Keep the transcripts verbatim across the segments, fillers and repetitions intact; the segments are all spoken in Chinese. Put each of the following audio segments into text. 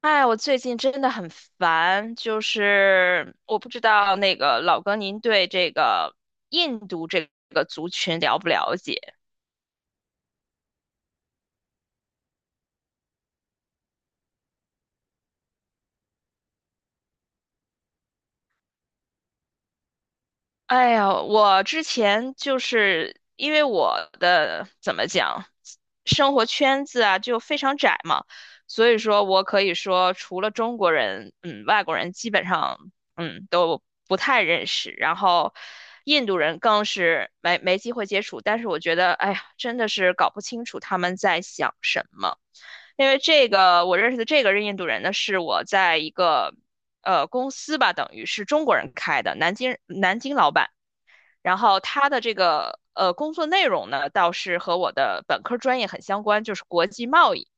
哎，我最近真的很烦，就是我不知道那个老哥，您对这个印度这个族群了不了解？哎呀，我之前就是因为我的怎么讲，生活圈子啊就非常窄嘛，所以说我可以说除了中国人，嗯，外国人基本上嗯都不太认识，然后印度人更是没没机会接触。但是我觉得，哎呀，真的是搞不清楚他们在想什么，因为这个我认识的这个印度人呢，是我在一个，呃，公司吧，等于是中国人开的，南京南京老板。然后他的这个呃工作内容呢，倒是和我的本科专业很相关，就是国际贸易。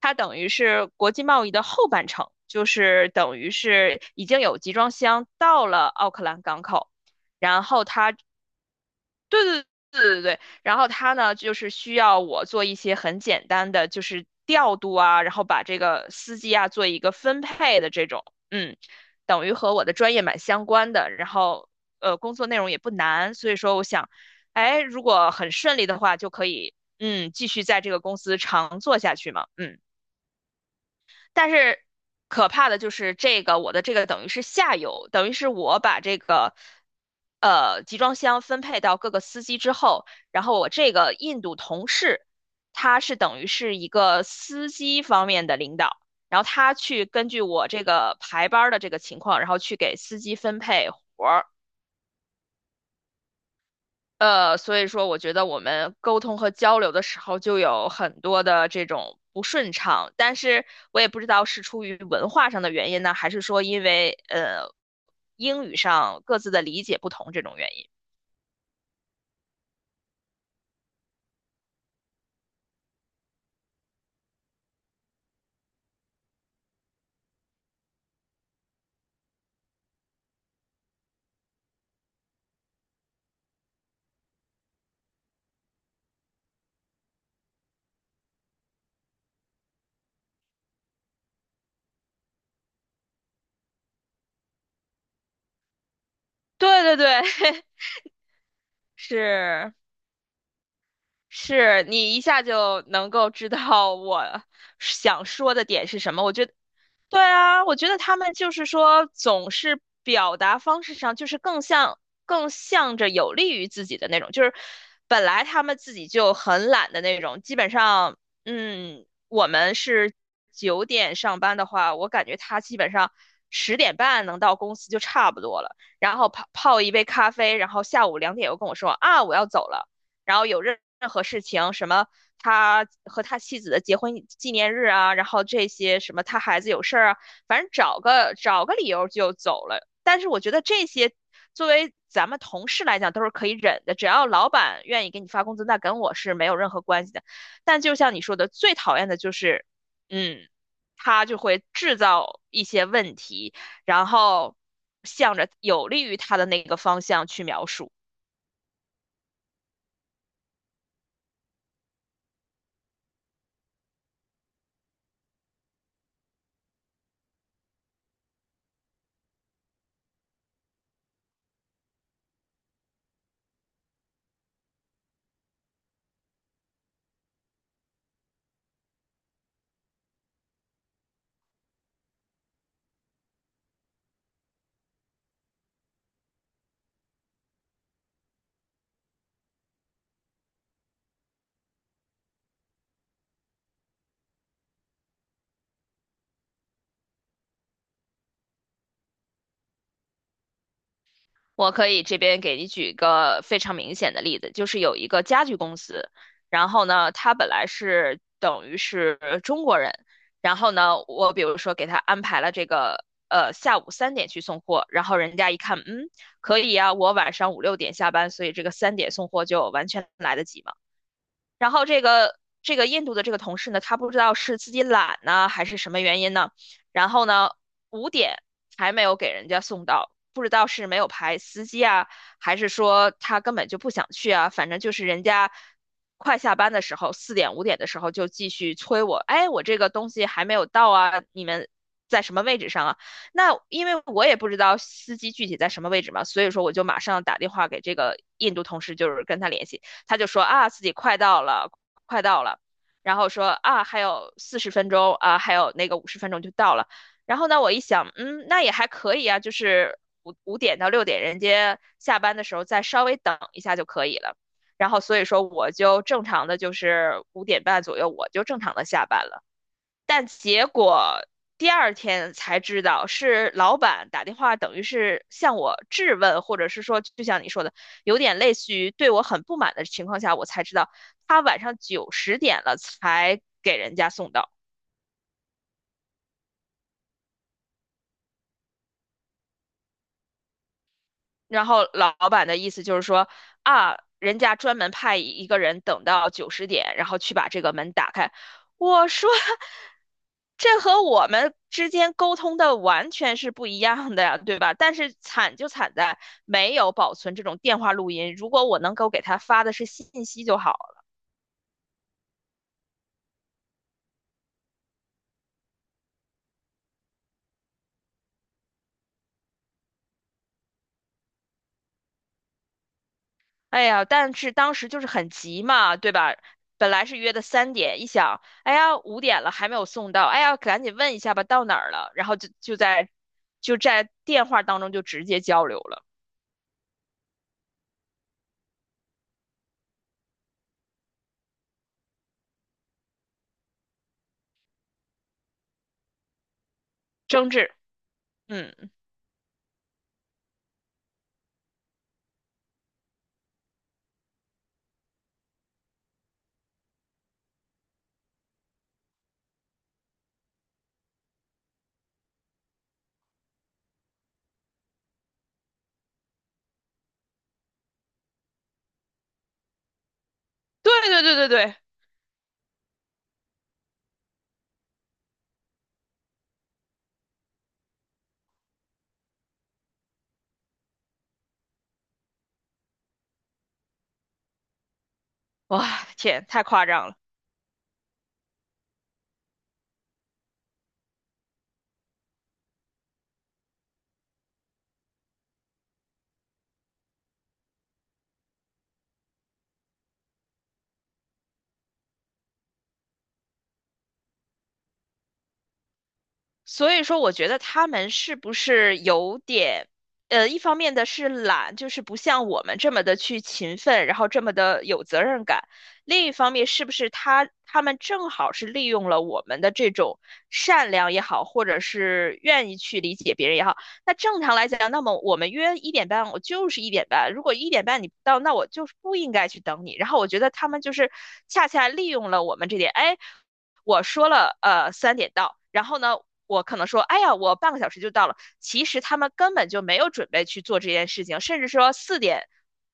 它等于是国际贸易的后半程，就是等于是已经有集装箱到了奥克兰港口，然后它对对对，然后他呢，就是需要我做一些很简单的，就是调度啊，然后把这个司机啊做一个分配的这种，嗯，等于和我的专业蛮相关的，然后呃，工作内容也不难，所以说我想，哎，如果很顺利的话，就可以，嗯，继续在这个公司长做下去嘛，嗯。但是可怕的就是这个，我的这个等于是下游，等于是我把这个呃集装箱分配到各个司机之后，然后我这个印度同事，他是等于是一个司机方面的领导，然后他去根据我这个排班儿的这个情况，然后去给司机分配活儿。呃，所以说我觉得我们沟通和交流的时候就有很多的这种不顺畅，但是我也不知道是出于文化上的原因呢，还是说因为呃英语上各自的理解不同这种原因。对对对，是是，你一下就能够知道我想说的点是什么。我觉得对啊，我觉得他们就是说，总是表达方式上就是更像更向着有利于自己的那种，就是本来他们自己就很懒的那种，基本上，嗯，我们是九点上班的话，我感觉他基本上十点半能到公司就差不多了，然后泡泡一杯咖啡，然后下午两点又跟我说啊我要走了，然后有任任何事情什么他和他妻子的结婚纪念日啊，然后这些什么他孩子有事儿啊，反正找个找个理由就走了。但是我觉得这些作为咱们同事来讲都是可以忍的，只要老板愿意给你发工资，那跟我是没有任何关系的。但就像你说的，最讨厌的就是，嗯，他就会制造一些问题，然后向着有利于他的那个方向去描述。我可以这边给你举一个非常明显的例子，就是有一个家具公司，然后呢，他本来是等于是中国人，然后呢，我比如说给他安排了这个呃下午三点去送货，然后人家一看，嗯，可以啊，我晚上五六点下班，所以这个三点送货就完全来得及嘛。然后这个这个印度的这个同事呢，他不知道是自己懒呢，还是什么原因呢？然后呢，五点还没有给人家送到，不知道是没有排司机啊，还是说他根本就不想去啊？反正就是人家快下班的时候，四点五点的时候就继续催我，哎，我这个东西还没有到啊，你们。在什么位置上啊？那因为我也不知道司机具体在什么位置嘛，所以说我就马上打电话给这个印度同事，就是跟他联系。他就说啊，自己快到了，快到了，然后说啊，还有四十分钟啊，还有那个五十分钟就到了。然后呢，我一想，嗯，那也还可以啊，就是五五点到六点，人家下班的时候再稍微等一下就可以了。然后所以说，我就正常的就是五点半左右，我就正常的下班了。但结果第二天才知道，是老板打电话，等于是向我质问，或者是说，就像你说的，有点类似于对我很不满的情况下，我才知道他晚上九十点了才给人家送到。然后老老板的意思就是说啊，人家专门派一个人等到九十点，然后去把这个门打开。我说，这和我们之间沟通的完全是不一样的呀，对吧？但是惨就惨在没有保存这种电话录音。如果我能够给他发的是信息就好。哎呀，但是当时就是很急嘛，对吧？本来是约的三点，一想，哎呀，五点了还没有送到，哎呀，赶紧问一下吧，到哪儿了？然后就就在就在电话当中就直接交流了，争执。嗯，对对对对对，哇，天，太夸张了。所以说，我觉得他们是不是有点，呃，一方面的是懒，就是不像我们这么的去勤奋，然后这么的有责任感；另一方面，是不是他他们正好是利用了我们的这种善良也好，或者是愿意去理解别人也好，那正常来讲，那么我们约一点半，我就是一点半。如果一点半你不到，那我就是不应该去等你。然后我觉得他们就是恰恰利用了我们这点，哎，我说了呃三点到，然后呢，我可能说，哎呀，我半个小时就到了。其实他们根本就没有准备去做这件事情，甚至说四点，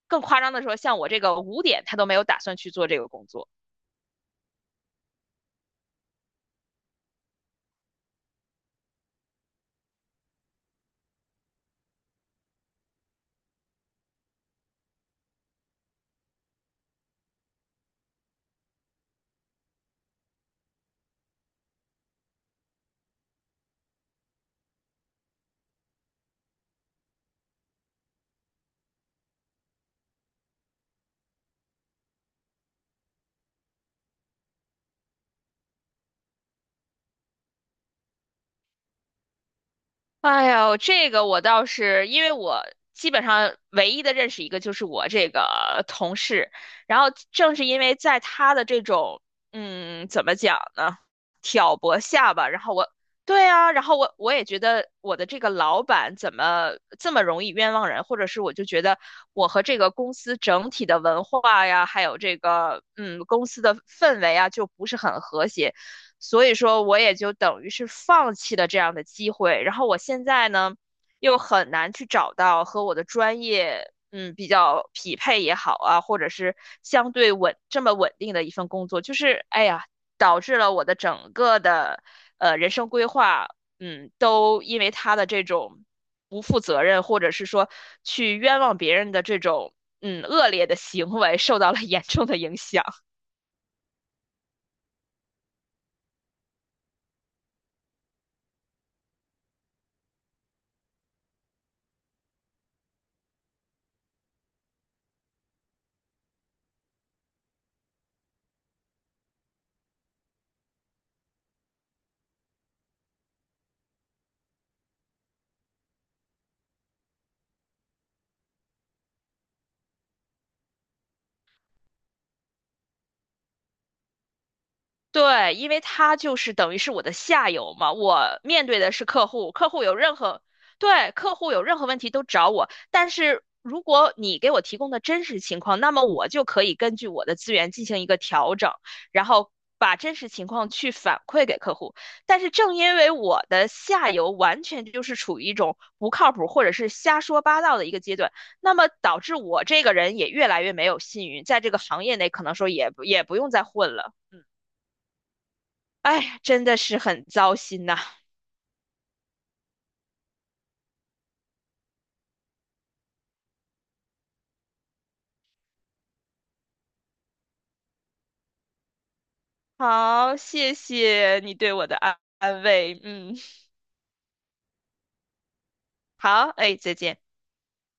更夸张的说，像我这个五点，他都没有打算去做这个工作。哎呦，这个我倒是，因为我基本上唯一的认识一个就是我这个同事，然后正是因为在他的这种，嗯，怎么讲呢，挑拨下吧，然后我，对啊，然后我我也觉得我的这个老板怎么这么容易冤枉人，或者是我就觉得我和这个公司整体的文化呀，还有这个，嗯，公司的氛围啊，就不是很和谐。所以说我也就等于是放弃了这样的机会。然后我现在呢，又很难去找到和我的专业。嗯，比较匹配也好啊，或者是相对稳这么稳定的一份工作，就是哎呀，导致了我的整个的呃人生规划，嗯，都因为他的这种不负责任，或者是说去冤枉别人的这种嗯恶劣的行为，受到了严重的影响。对，因为他就是等于是我的下游嘛，我面对的是客户，客户有任何，对，客户有任何问题都找我。但是如果你给我提供的真实情况，那么我就可以根据我的资源进行一个调整，然后把真实情况去反馈给客户。但是正因为我的下游完全就是处于一种不靠谱或者是瞎说八道的一个阶段，那么导致我这个人也越来越没有信誉，在这个行业内可能说也不也不用再混了。哎呀真的是很糟心呐。好，谢谢你对我的安安慰。嗯，好，哎，再见。